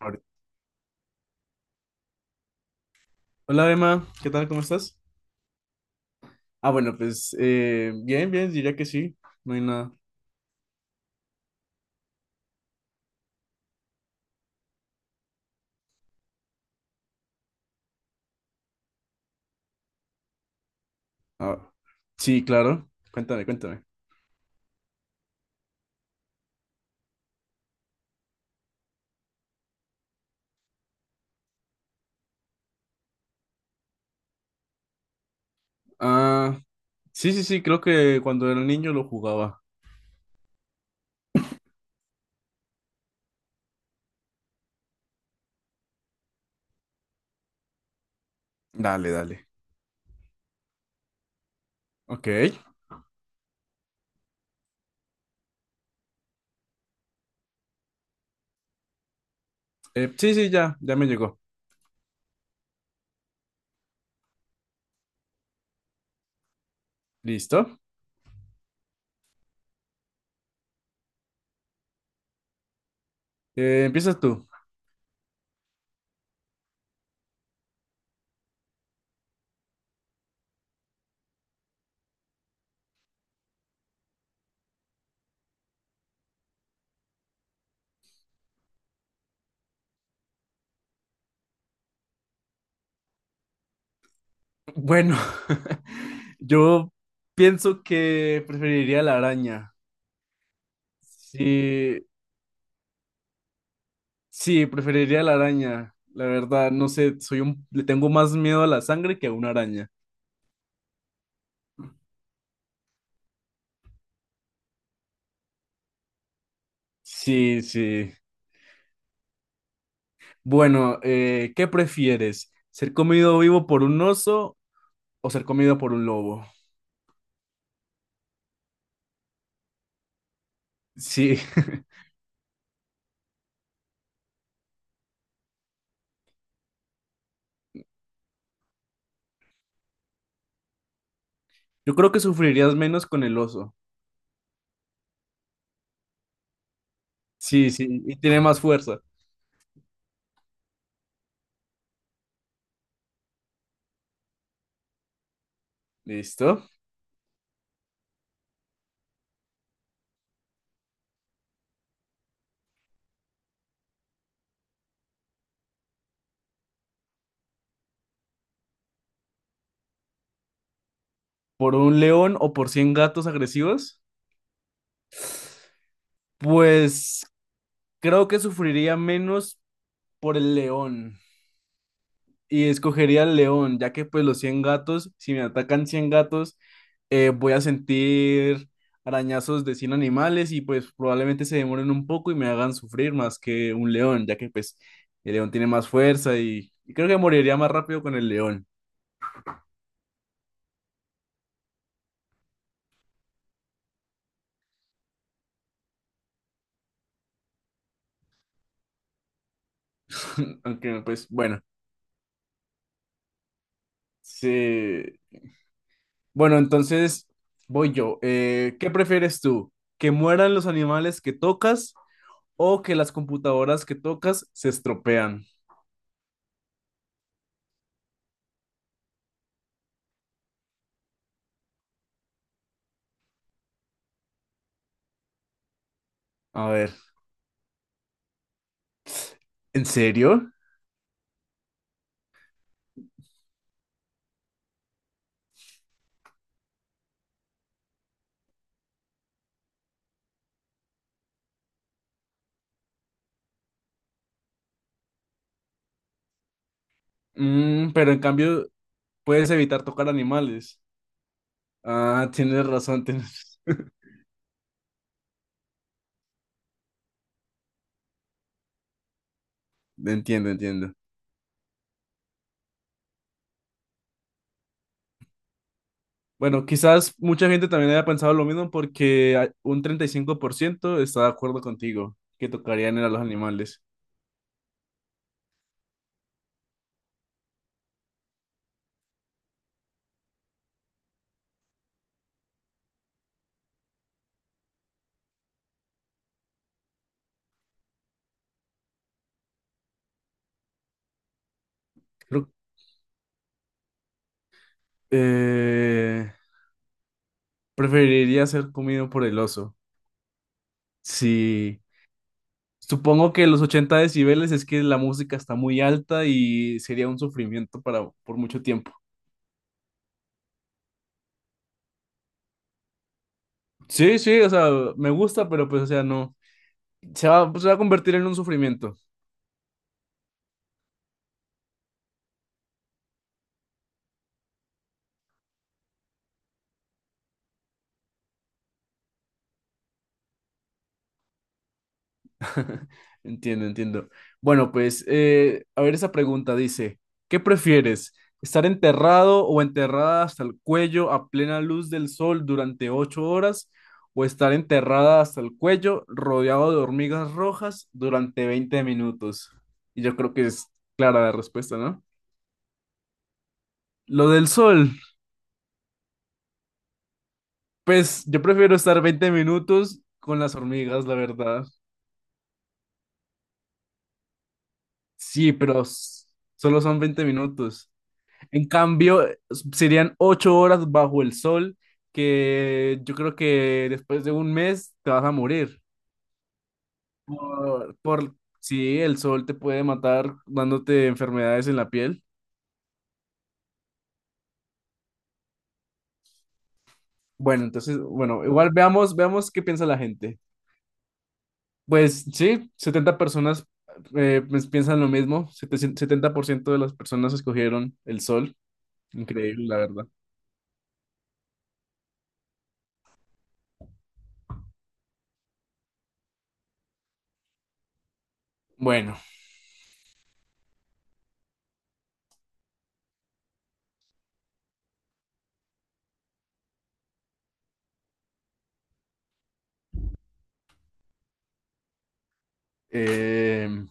Ahorita. Hola Emma, ¿qué tal? ¿Cómo estás? Ah, bueno, pues bien, bien, diría que sí, no hay nada. Ah, sí, claro, cuéntame, cuéntame. Ah, sí, sí, sí, creo que cuando era niño lo jugaba. Dale, dale. Ok, sí, sí, ya, ya me llegó. Listo. Empiezas tú. Bueno, yo pienso que preferiría la araña. Sí, sí, preferiría la araña. La verdad, no sé, soy un, le tengo más miedo a la sangre que a una araña. Sí, sí. Bueno, ¿qué prefieres? ¿Ser comido vivo por un oso o ser comido por un lobo? Sí, yo creo que sufrirías menos con el oso. Sí, sí, y tiene más fuerza. ¿Listo? ¿Por un león o por 100 gatos agresivos? Pues creo que sufriría menos por el león. Y escogería el león, ya que pues los 100 gatos, si me atacan 100 gatos, voy a sentir arañazos de 100 animales y pues probablemente se demoren un poco y me hagan sufrir más que un león, ya que pues el león tiene más fuerza y creo que moriría más rápido con el león. Aunque pues bueno, sí. Bueno, entonces voy yo. ¿Qué prefieres tú? ¿Que mueran los animales que tocas o que las computadoras que tocas se estropean? A ver, ¿en serio? Mm, pero en cambio, puedes evitar tocar animales. Ah, tienes razón, Entiendo, entiendo. Bueno, quizás mucha gente también haya pensado lo mismo porque un 35% está de acuerdo contigo, que tocarían a los animales. Creo- eh, preferiría ser comido por el oso. Sí. Supongo que los 80 decibeles es que la música está muy alta y sería un sufrimiento para por mucho tiempo. Sí, sí, o sea, me gusta, pero pues, o sea, no. Se va a convertir en un sufrimiento. Entiendo, entiendo. Bueno, pues, a ver, esa pregunta dice, ¿qué prefieres? ¿Estar enterrado o enterrada hasta el cuello a plena luz del sol durante 8 horas? ¿O estar enterrada hasta el cuello rodeado de hormigas rojas durante 20 minutos? Y yo creo que es clara la respuesta, ¿no? Lo del sol, pues yo prefiero estar 20 minutos con las hormigas, la verdad. Sí, pero solo son 20 minutos. En cambio, serían 8 horas bajo el sol que yo creo que después de un mes te vas a morir. Sí, el sol te puede matar dándote enfermedades en la piel. Bueno, entonces, bueno, igual veamos, veamos qué piensa la gente. Pues sí, 70 personas pues, piensan lo mismo. Setenta por ciento de las personas escogieron el sol. Increíble, la verdad. Bueno, em,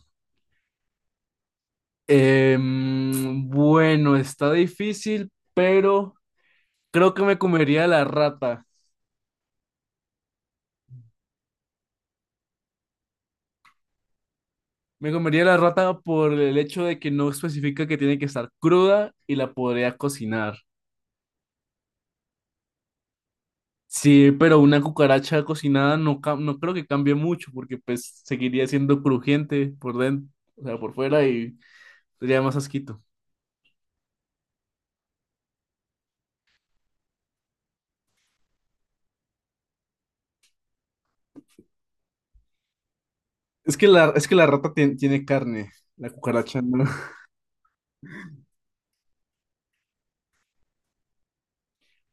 Bueno, está difícil, pero creo que me comería la rata. Me comería la rata por el hecho de que no especifica que tiene que estar cruda y la podría cocinar. Sí, pero una cucaracha cocinada no, no creo que cambie mucho porque pues seguiría siendo crujiente por dentro, o sea, por fuera y sería más asquito. Es que la rata tiene carne, la cucaracha no.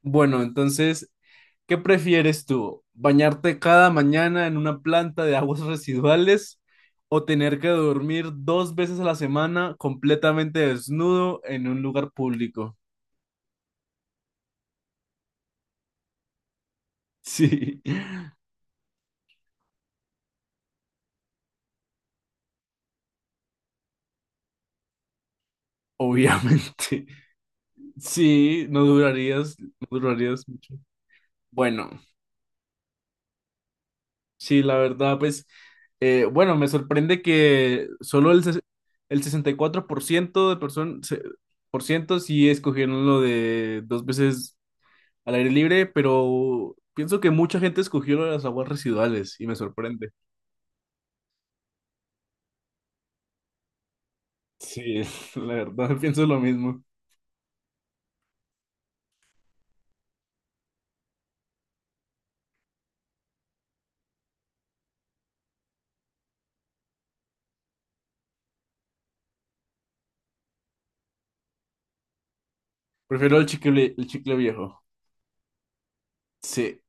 Bueno, entonces, ¿qué prefieres tú? ¿Bañarte cada mañana en una planta de aguas residuales o tener que dormir dos veces a la semana completamente desnudo en un lugar público? Sí, obviamente. Sí, no durarías mucho. Bueno, sí, la verdad, pues, bueno, me sorprende que solo el, el 64% de personas, por ciento sí escogieron lo de dos veces al aire libre, pero pienso que mucha gente escogió lo de las aguas residuales y me sorprende. Sí, la verdad, pienso lo mismo. Prefiero el chicle viejo. Sí,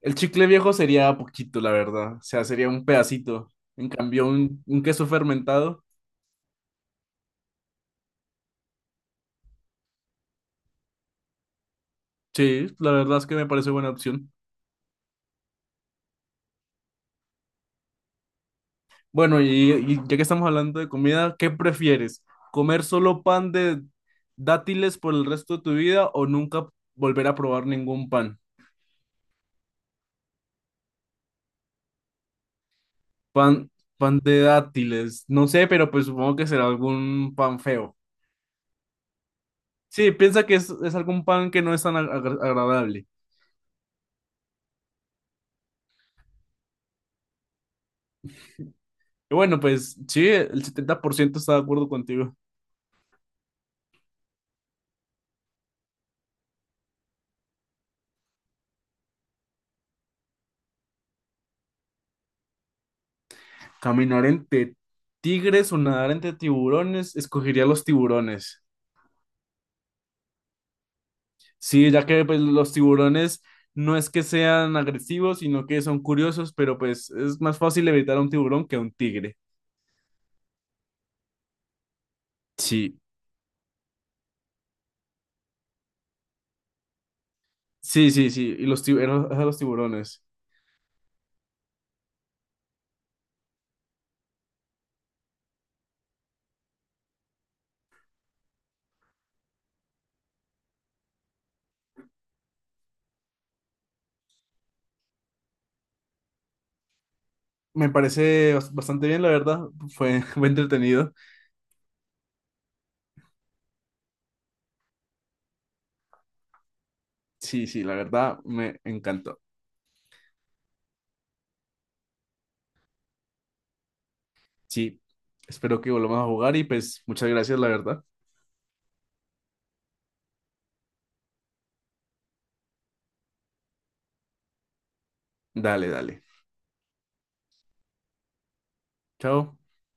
el chicle viejo sería poquito, la verdad. O sea, sería un pedacito. En cambio, un queso fermentado, sí, la verdad es que me parece buena opción. Bueno, y ya que estamos hablando de comida, ¿qué prefieres? ¿Comer solo pan de dátiles por el resto de tu vida o nunca volver a probar ningún pan? Pan, pan de dátiles. No sé, pero pues supongo que será algún pan feo. Sí, piensa que es algún pan que no es tan agradable. Y bueno, pues sí, el 70% está de acuerdo contigo. Caminar entre tigres o nadar entre tiburones, escogería los tiburones. Sí, ya que pues, los tiburones no es que sean agresivos, sino que son curiosos, pero pues es más fácil evitar a un tiburón que a un tigre. Sí, sí, sí, sí. Y los tiburones, los tiburones. Me parece bastante bien, la verdad. Fue, fue entretenido. Sí, sí, la verdad me encantó. Sí, espero que volvamos a jugar y pues muchas gracias, la verdad. Dale, dale. Chao.